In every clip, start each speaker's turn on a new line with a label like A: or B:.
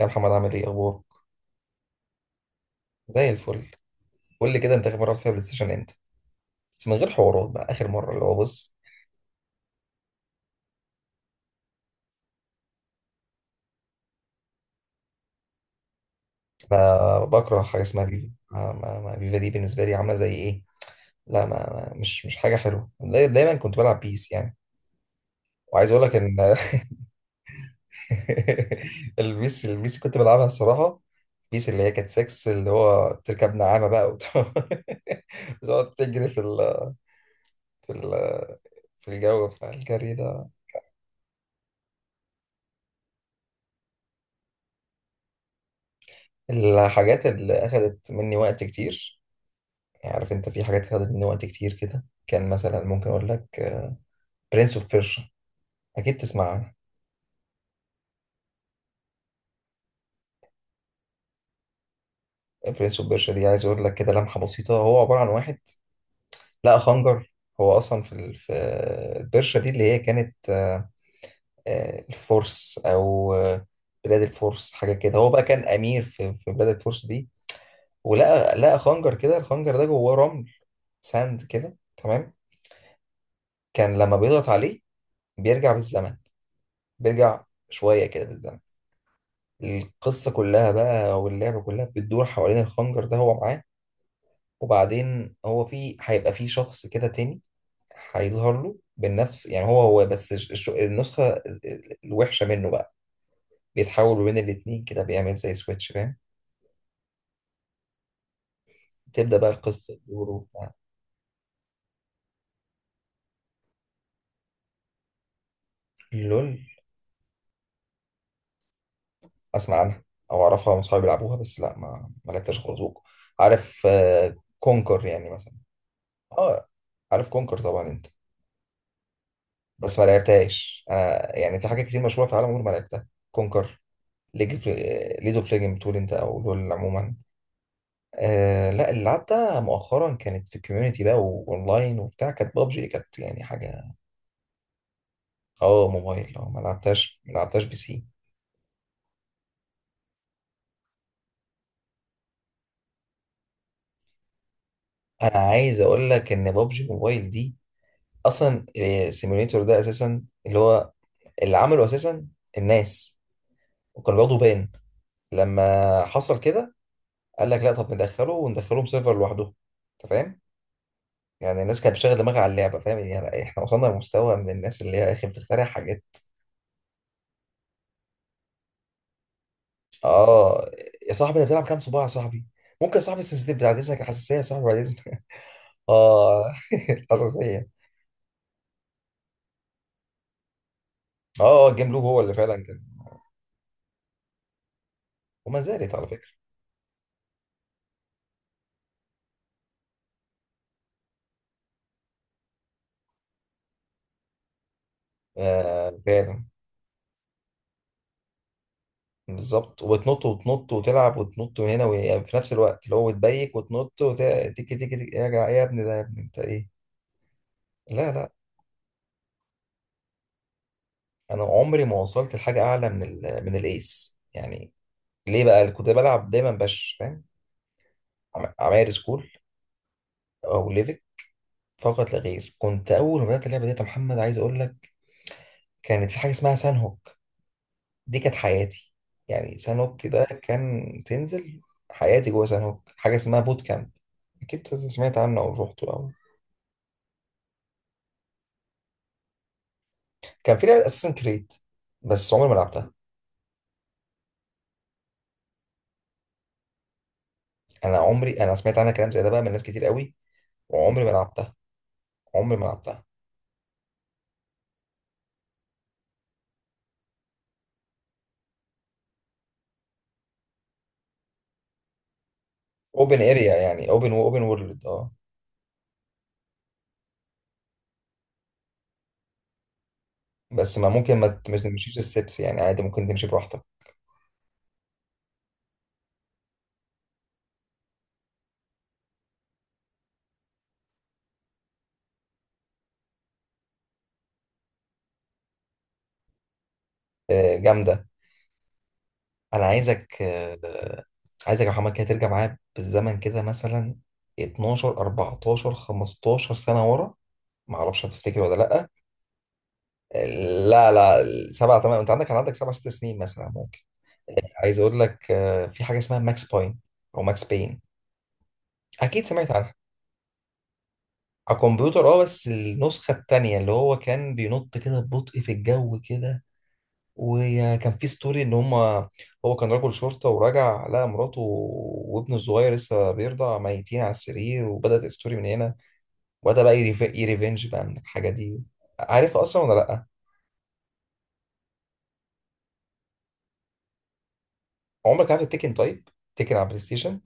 A: يا محمد، عامل ايه؟ اخبارك؟ زي الفل. قول لي كده، انت اخر مره رحت فيها بلاي ستيشن امتى؟ بس من غير حوارات بقى، اخر مره اللي هو بص. انا بكره حاجه اسمها فيفا. ما ما ما فيفا دي بالنسبه لي عامله زي ايه؟ لا، مش حاجه حلوه. دايما كنت بلعب بيس يعني. وعايز اقول لك ان البيس كنت بلعبها الصراحه. بيس اللي هي كانت 6، اللي هو تركب نعامه بقى وتقعد، بتقعد تجري في ال في ال في الجو بتاع الجري ده. الحاجات اللي اخدت مني وقت كتير، يعني عارف انت في حاجات خدت مني وقت كتير كده. كان مثلا ممكن اقول لك برنس اوف بيرشا، اكيد تسمع عنها. برنس اوف بيرشا دي عايز اقول لك كده لمحه بسيطه. هو عباره عن واحد لقى خنجر. هو اصلا في في البرشا دي، اللي هي كانت الفرس، او بلاد الفرس حاجه كده. هو بقى كان امير في بلاد الفرس دي، ولقى خنجر كده. الخنجر ده جواه رمل، ساند كده، تمام. كان لما بيضغط عليه بيرجع بالزمن، بيرجع شويه كده بالزمن. القصة كلها بقى واللعبة كلها بتدور حوالين الخنجر ده هو معاه. وبعدين هو، في هيبقى في شخص كده تاني هيظهر له بالنفس، يعني هو بس النسخة الوحشة منه بقى. بيتحول ما بين الاتنين كده، بيعمل زي سويتش، فاهم. تبدأ بقى القصة تدور وبتاع. لول. أسمع عنها أو أعرفها من صحابي بيلعبوها، بس لا ما لعبتهاش خالص. عارف كونكر يعني مثلا. اه. عارف كونكر طبعا انت. بس ما لعبتهاش انا، يعني في حاجات كتير مشهوره في العالم عمري ما لعبتها. كونكر، ليج اوف ليج اوف ليجند بتقول انت، او لول عموما. لا، اللي لعبتها مؤخرا كانت في كوميونتي بقى واونلاين وبتاع، كانت بابجي. كانت يعني حاجه. اه، موبايل، اه، ما لعبتهاش بي سي. انا عايز اقول لك ان بابجي موبايل دي اصلا السيموليتور ده اساسا، اللي هو اللي عمله اساسا الناس، وكانوا بياخدوا بان لما حصل كده. قال لك لا، طب ندخله وندخلهم سيرفر لوحده، انت فاهم. يعني الناس كانت بتشغل دماغها على اللعبه، فاهم، يعني احنا وصلنا لمستوى من الناس اللي هي يا اخي بتخترع حاجات. اه. يا صاحبي، انت بتلعب كام صباع يا صاحبي؟ ممكن يا صاحبي، السنسيتيف بعد اذنك، الحساسيه يا صاحبي بعد اذنك. اه الحساسيه. اه، اه، الجيم لوب هو اللي فعلا كان. وما زالت على فكره. آه فعلا. بالظبط، وتنط وتنط وتلعب وتنط من هنا، في نفس الوقت اللي هو بتبيك، وتنط تيكي تيكي تيكي، يا ابني ده، يا ابني انت ايه؟ لا لا. انا عمري ما وصلت لحاجه اعلى من من الايس يعني. ليه بقى كنت بلعب دايما باش، فاهم. عماير سكول، او ليفك، فقط لا غير. كنت اول ما بدات اللعبه ديت، يا محمد عايز اقول لك، كانت في حاجه اسمها سان هوك. دي كانت حياتي، يعني سان هوك ده كان تنزل. حياتي جوه سان هوك، حاجه اسمها بوت كامب، اكيد سمعت عنه او روحته او. كان في لعبه اساسن كريد، بس عمري ما لعبتها. انا عمري، انا سمعت عنها كلام زي ده بقى من ناس كتير قوي، وعمري ما لعبتها. عمري ما لعبتها. اوبن اريا يعني، اوبن وورلد، اه. بس ما ممكن ما ت- مش تمشيش الستبس، يعني عادي ممكن تمشي براحتك. جامده. انا عايزك يا محمد كده ترجع معايا بالزمن كده مثلا 12 14 15 سنه ورا، ما اعرفش هتفتكر ولا لا. آه. لا لا، سبع تمام. انت كان عندك سبع ست سنين مثلا ممكن. عايز اقول لك في حاجه اسمها ماكس باين، او ماكس بين، اكيد سمعت عنها. على الكمبيوتر، اه، بس النسخه التانيه اللي هو كان بينط كده ببطء في الجو كده. وكان في ستوري ان هما، هو كان رجل شرطة، وراجع لقى مراته وابنه الصغير لسه بيرضع ميتين على السرير، وبدأت الستوري من هنا. وبدأ بقى يريفنج بقى من الحاجة دي. عارف اصلا ولا لأ؟ عمرك عارف التكن؟ طيب، تكن على بلاي ستيشن،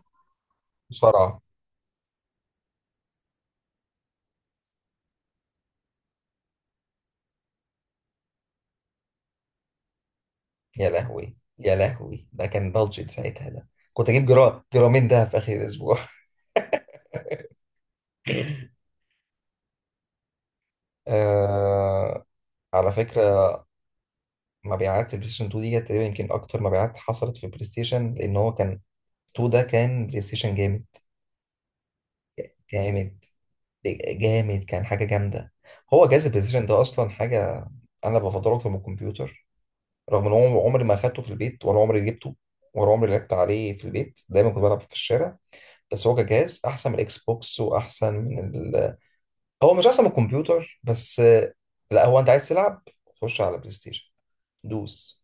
A: مصارعة. يا لهوي، يا لهوي، ده كان بادجت ساعتها. ده كنت اجيب جرام جرامين ده في اخر الاسبوع. آه... على فكرة، مبيعات البلاي ستيشن 2 دي كانت تقريبا يمكن اكتر مبيعات حصلت في البلاي ستيشن، لان هو كان. 2 ده كان بلاي ستيشن جامد جامد جامد، كان حاجة جامدة. هو جهاز البلايستيشن ده أصلا حاجة. أنا بفضله أكتر من الكمبيوتر، رغم إن هو عمري ما أخدته في البيت ولا عمري جبته، ولا عمري لعبت عليه في البيت. دايما كنت بلعب في الشارع. بس هو كجهاز أحسن من الإكس بوكس وأحسن من ال... هو مش أحسن من الكمبيوتر بس. لا، هو أنت عايز تلعب، خش على بلاي ستيشن، دوس.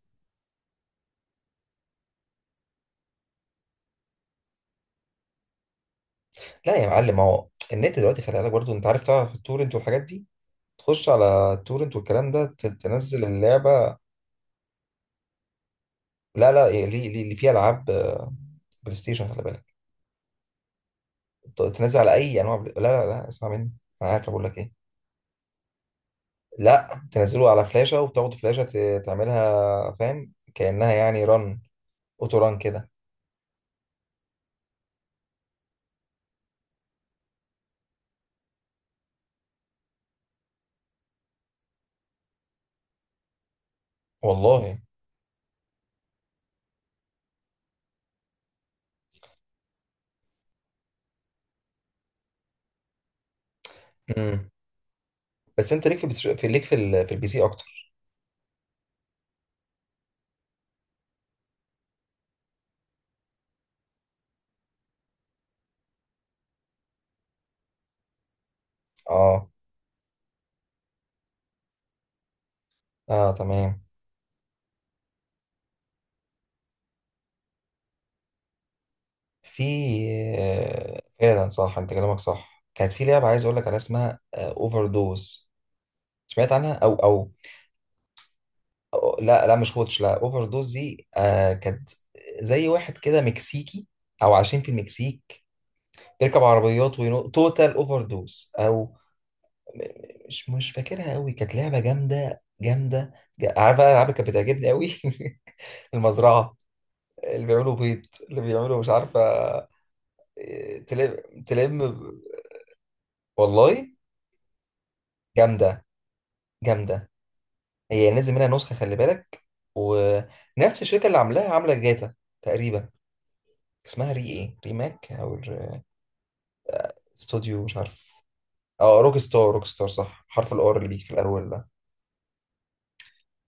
A: لا يا معلم، هو النت دلوقتي خلي بالك برضه، أنت عارف، تعرف التورنت والحاجات دي. تخش على التورنت والكلام ده، تنزل اللعبة. لا لا، إيه، ليه ليه ليه فيها العاب، بلاي ستيشن خلي بالك. تنزل على اي انواع لا لا لا، اسمع مني. انا عارف بقول لك ايه. لا، تنزله على فلاشه، وتاخد فلاشه تعملها، فاهم، كانها يعني رن، اوتو رن كده. والله. امم. بس انت ليك في البي سي اكتر. اه، اه، تمام. في آه، فعلا صح، انت كلامك صح. كانت في لعبه عايز اقول لك عليها اسمها اوفر دوز، سمعت عنها او؟ لا لا، مش ووتش، لا، اوفر دوز دي آه كانت زي واحد كده مكسيكي، او عايشين في المكسيك، بيركب عربيات وينط، توتال اوفر دوز، او م- م- مش مش فاكرها قوي. كانت لعبه جامده جامده. عارف بقى الالعاب اللي كانت بتعجبني قوي؟ المزرعه، اللي بيعملوا بيض، اللي بيعملوا مش عارفه. تلم. تلم. والله جامده جامده. هي نازل منها نسخه، خلي بالك. ونفس الشركه اللي عاملاها عامله جاتا تقريبا، اسمها ري ايه ريماك استوديو مش عارف. اه، روك ستار. روك ستار صح، حرف الار اللي بيجي في الاول ده.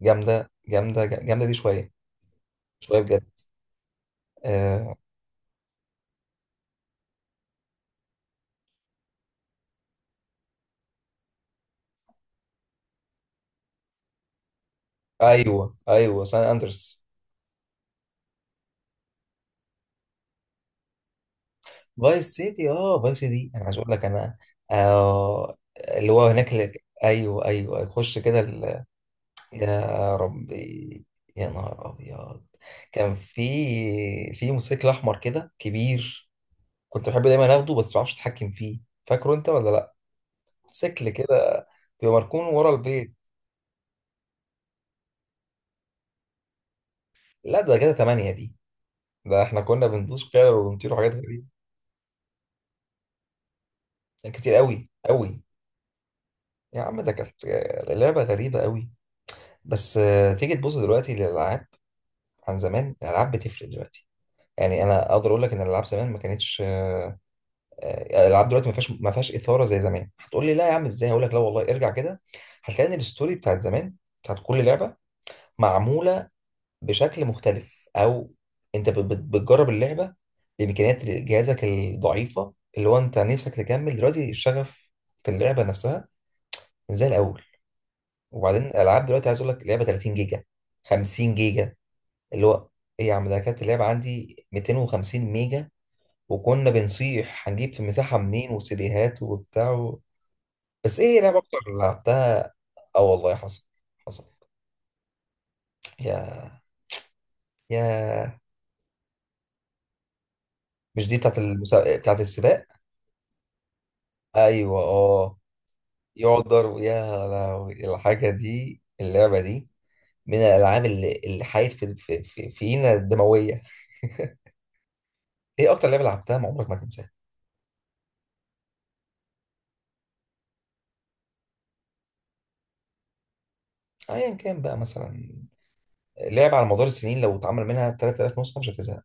A: جامده جامده جامده دي شويه. شويه بجد. آه. ايوه، ايوه، سان اندرس. فايس سيتي انا عايز اقول لك. انا اللي هو هناك ايوه، ايوه، يخش كده يا ربي، يا نهار ابيض. كان في موتوسيكل احمر كده كبير، كنت بحب دايما اخده بس ما اعرفش اتحكم فيه. فاكره انت ولا لا؟ سكل كده، بيبقى مركون ورا البيت. لا، ده كده تمانية دي. ده احنا كنا بندوس فعلا وبنطير وحاجات غريبة. كتير قوي قوي. يا عم، ده كانت لعبة غريبة قوي. بس تيجي تبص دلوقتي للألعاب، عن زمان الألعاب بتفرق دلوقتي. يعني انا اقدر اقول لك ان الالعاب زمان ما كانتش. الالعاب دلوقتي ما فيهاش، اثاره زي زمان. هتقول لي لا يا عم ازاي، هقول لك لا والله، ارجع كده هتلاقي ان الستوري بتاعت زمان، بتاعت كل لعبه، معموله بشكل مختلف. او انت بتجرب اللعبه بامكانيات جهازك الضعيفه، اللي هو انت نفسك تكمل دلوقتي الشغف في اللعبه نفسها، مش زي الاول. وبعدين الالعاب دلوقتي عايز اقول لك لعبه 30 جيجا، 50 جيجا، اللي هو ايه، يا عم ده كانت اللعبه عندي 250 ميجا. وكنا بنصيح هنجيب في المساحه منين، وسيديهات وبتاع. بس ايه لعبه اكتر اللي لعبتها؟ اه والله، حصل، حصل. يا يا مش دي بتاعت بتاعت السباق؟ ايوه، اه. يقعد ضرب، يا لهوي. الحاجة دي، اللعبة دي من الألعاب اللي حيت في في في فينا الدموية. إيه أكتر لعبة لعبتها ما عمرك ما تنساها؟ أيا كان بقى مثلا، لعبة على مدار السنين لو اتعمل منها 3000 نسخة مش هتزهق.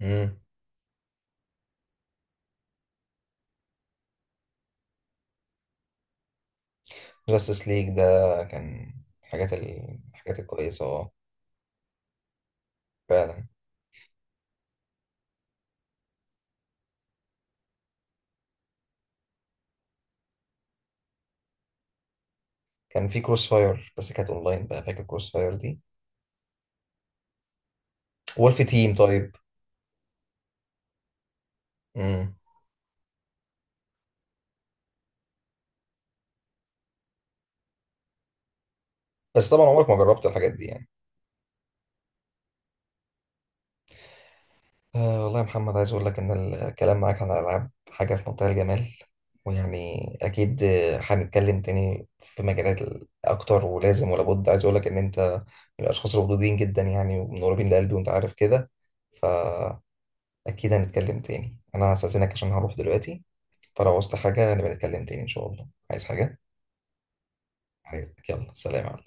A: امم. جاستس ليج ده كان الحاجات الكويسة، اه. فعلا. كان في كروس فاير بس كانت أونلاين، بقى فاكر كروس فاير دي؟ وولف تيم طيب. امم. بس طبعا عمرك ما جربت الحاجات دي يعني. آه والله يا محمد، عايز أقول لك إن الكلام معاك عن الألعاب حاجة في منتهى الجمال. ويعني أكيد هنتكلم تاني في مجالات أكتر، ولازم ولا بد. عايز أقول لك إن أنت من الأشخاص الودودين جدا يعني، ومن قريبين لقلبي، وأنت عارف كده. فأكيد هنتكلم تاني. أنا هستأذنك عشان هروح دلوقتي. فلو عوزت حاجة نبقى نتكلم تاني إن شاء الله. عايز حاجة؟ عايز يلا سلام.